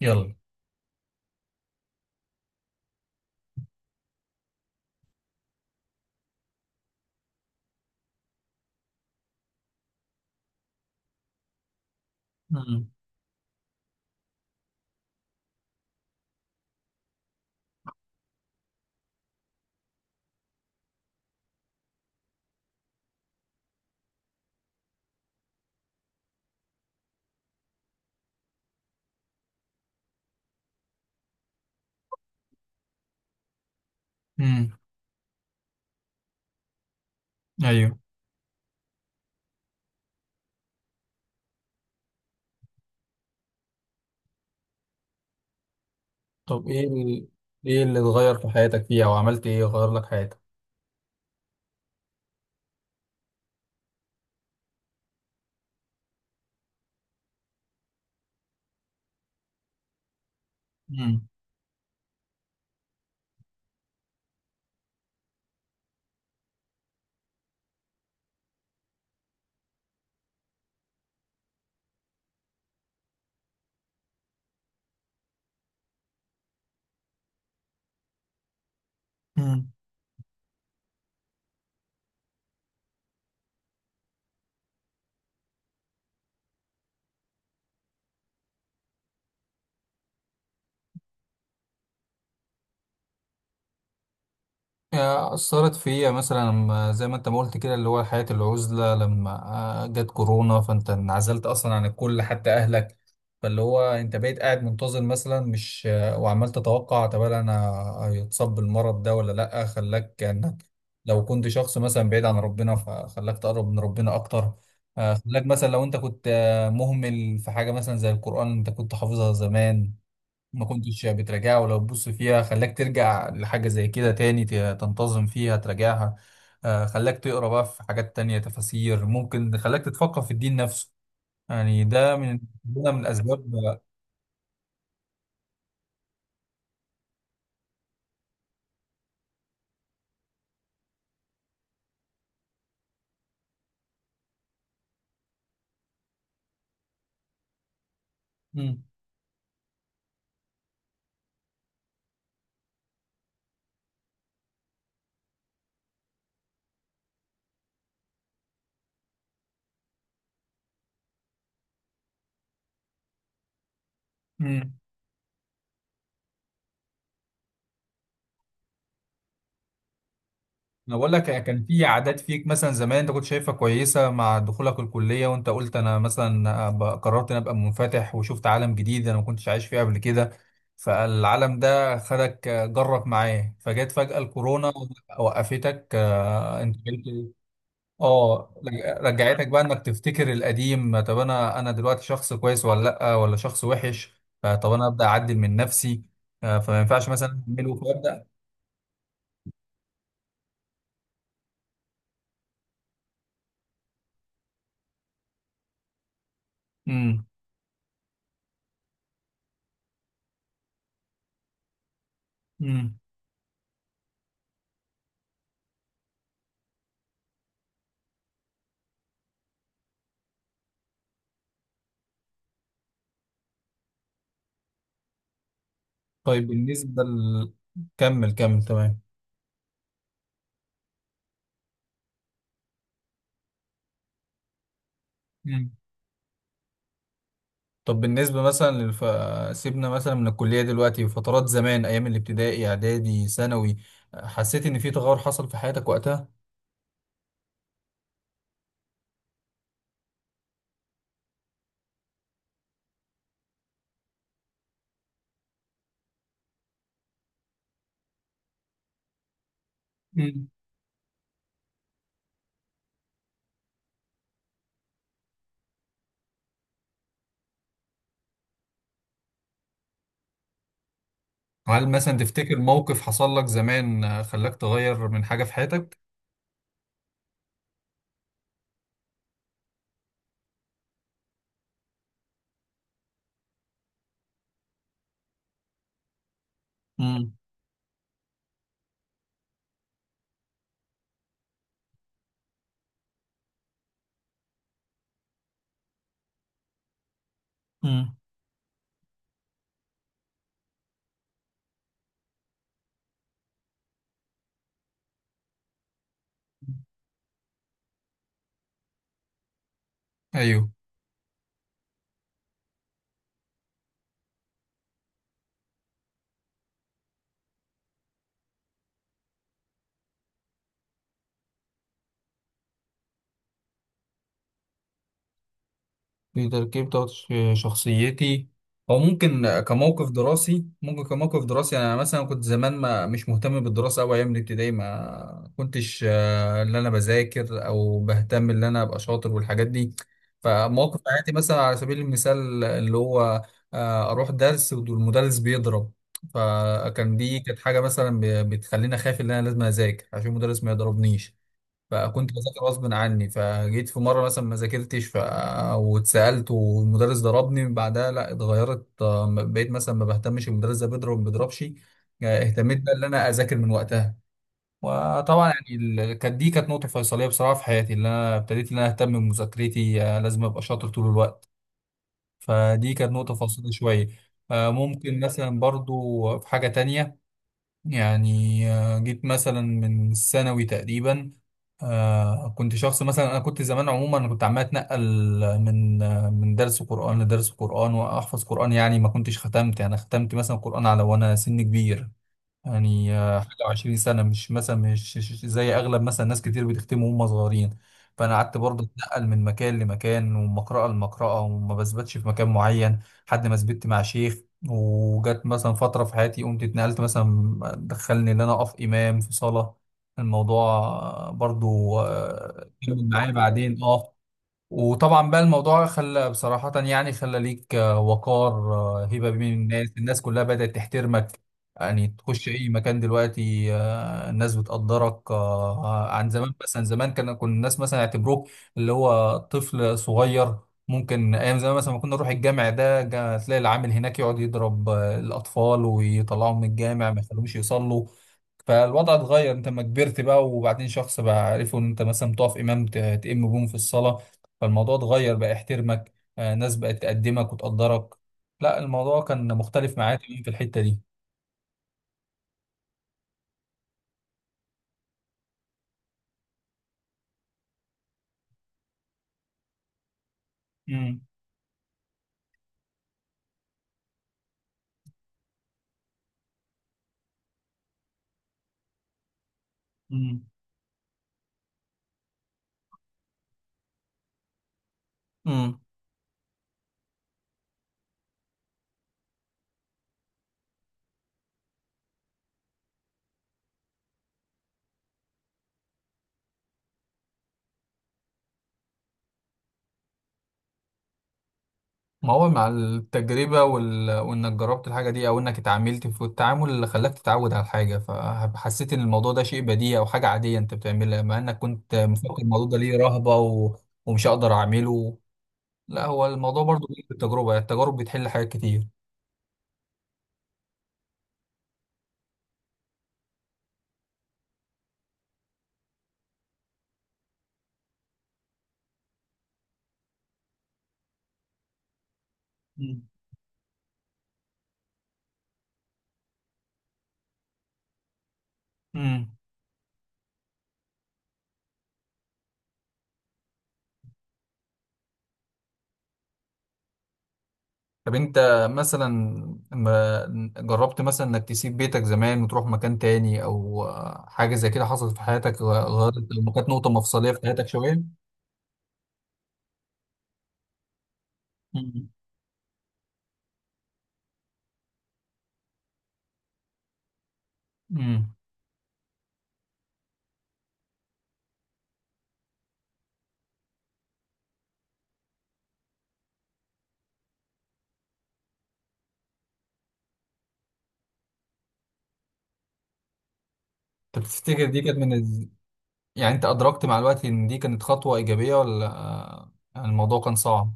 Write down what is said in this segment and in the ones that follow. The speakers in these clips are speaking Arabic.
يلا. امم. امم. ايوه. طب ايه ايه اللي اتغير في حياتك فيها او عملت ايه غير لك حياتك؟ امم. أثرت فيا مثلا زي ما أنت ما قلت كده، اللي هو حياة العزلة. لما جت كورونا فأنت انعزلت أصلا عن الكل، حتى أهلك. فاللي هو أنت بقيت قاعد منتظر، مثلا مش وعمال تتوقع، طب أنا هيتصاب بالمرض ده ولا لأ. خلاك إنك لو كنت شخص مثلا بعيد عن ربنا فخلاك تقرب من ربنا أكتر. خلاك مثلا لو أنت كنت مهمل في حاجة مثلا زي القرآن، أنت كنت حافظها زمان، ما كنتش بتراجعها، ولو تبص فيها خلاك ترجع لحاجة زي كده تاني تنتظم فيها تراجعها. خلاك تقرا بقى في حاجات تانية، تفاسير، ممكن خلاك تتفقه في الدين نفسه. يعني ده من الأسباب. مم. مم. انا بقول لك كان في عادات فيك مثلا زمان انت كنت شايفها كويسه، مع دخولك الكليه وانت قلت انا مثلا قررت ان ابقى منفتح وشفت عالم جديد انا ما كنتش عايش فيه قبل كده. فالعالم ده خدك جرك معاه. فجت فجاه الكورونا وقفتك. انت بقيت اه رجعتك بقى انك تفتكر القديم. طب انا دلوقتي شخص كويس ولا لا، ولا شخص وحش؟ طب انا ابدا اعدل من نفسي. فما ينفعش مثلا اعمله فابدا. امم. امم. طيب، بالنسبة ل... كمل كمل، تمام. مم. طب بالنسبة مثلا سيبنا مثلا من الكلية دلوقتي، فترات زمان أيام الابتدائي، إعدادي، ثانوي، حسيت إن في تغير حصل في حياتك وقتها؟ مم. هل مثلا تفتكر موقف حصل لك زمان خلاك تغير من حاجة في حياتك؟ امم. امم. ايوه. في تركيب بتاعت شخصيتي. او ممكن كموقف دراسي، ممكن كموقف دراسي. يعني انا مثلا كنت زمان ما مش مهتم بالدراسه أوي، ايام الابتدائي ما كنتش اللي انا بذاكر او بهتم ان انا ابقى شاطر والحاجات دي. فمواقف حياتي مثلا على سبيل المثال اللي هو اروح درس والمدرس بيضرب، فكان دي كانت حاجه مثلا بتخليني اخاف ان انا لازم اذاكر عشان المدرس ما يضربنيش. فكنت بذاكر غصب عني، فجيت في مره مثلا ما ذاكرتش واتسالت والمدرس ضربني بعدها. لا اتغيرت. بقيت مثلا ما بهتمش المدرس ده بيضرب ما بيضربش. اهتميت بقى ان انا اذاكر من وقتها. وطبعا يعني كانت دي كانت نقطه فيصليه بصراحه في حياتي، اللي انا ابتديت ان انا اهتم بمذاكرتي. لازم ابقى شاطر طول الوقت. فدي كانت نقطه فاصله شويه. ممكن مثلا برضو في حاجه تانية. يعني جيت مثلا من الثانوي تقريبا. كنت شخص مثلا، انا كنت زمان عموما انا كنت عمال اتنقل من من درس قرآن لدرس قرآن واحفظ قرآن. يعني ما كنتش ختمت، يعني ختمت مثلا قرآن على وانا سن كبير. يعني حاجة و20 سنة، مش مثلا مش زي أغلب مثلا ناس كتير بتختموا وهم صغيرين. فأنا قعدت برضه أتنقل من مكان لمكان ومن مقرأة لمقرأة وما بثبتش في مكان معين، لحد ما ثبت مع شيخ. وجت مثلا فترة في حياتي قمت اتنقلت مثلا، دخلني إن أنا أقف إمام في صلاة. الموضوع برضه كمل معايا بعدين أه. وطبعا بقى الموضوع خلى بصراحة، يعني خلى ليك وقار، هيبة بين الناس. الناس كلها بدأت تحترمك. يعني تخش أي مكان دلوقتي الناس بتقدرك عن زمان. مثلا زمان كان كنا الناس مثلا يعتبروك اللي هو طفل صغير. ممكن أيام زمان مثلا ما كنا نروح الجامع ده تلاقي العامل هناك يقعد يضرب الأطفال ويطلعهم من الجامع، ما يخلوهمش يصلوا. فالوضع اتغير. انت لما كبرت بقى، وبعدين شخص بقى عرفوا ان انت مثلا بتقف امام تئم بهم في الصلاه. فالموضوع اتغير بقى يحترمك. ناس بقت تقدمك وتقدرك. لا الموضوع كان مختلف معايا تماما في الحتة دي. امم. امم. امم. ما هو مع التجربة وإنك جربت الحاجة دي، أو إنك اتعاملت في التعامل اللي خلاك تتعود على الحاجة، فحسيت إن الموضوع ده شيء بديهي أو حاجة عادية أنت بتعملها، مع إنك كنت مفكر الموضوع ده ليه رهبة ومش هقدر أعمله. لا هو الموضوع برضو بيجي بالتجربة، التجارب بتحل حاجات كتير. امم. طب انت مثلا ما جربت مثلا انك تسيب بيتك زمان وتروح مكان تاني، او حاجة زي كده حصلت في حياتك غيرت، لما كانت نقطة مفصلية في حياتك شوية؟ امم. امم. طب تفتكر دي كانت من ال... يعني انت ادركت مع الوقت ان دي كانت خطوة ايجابية، ولا الموضوع كان صعب؟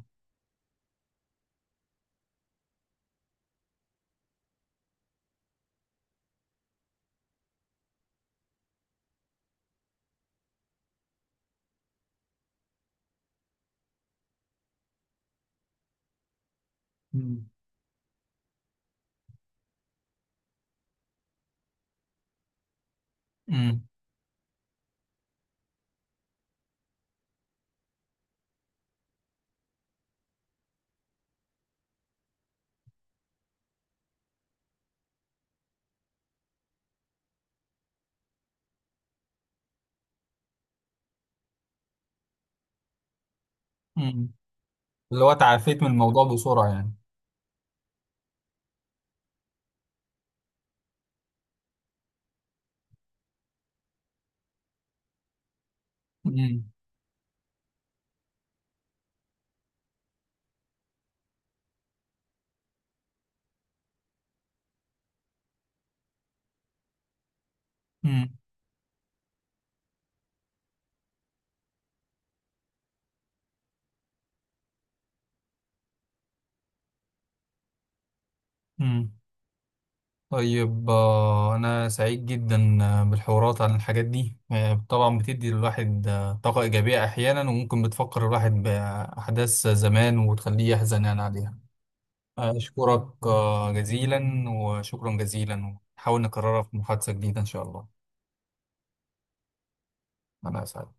مم. امم. امم. اللي هو تعافيت من الموضوع بسرعة يعني. امم. امم. طيب، أنا سعيد جدا بالحوارات عن الحاجات دي. طبعا بتدي للواحد طاقة إيجابية أحيانا، وممكن بتفكر الواحد بأحداث زمان وتخليه يحزن يعني عليها. أشكرك جزيلا، وشكرا جزيلا، ونحاول نكررها في محادثة جديدة إن شاء الله. أنا أسعد.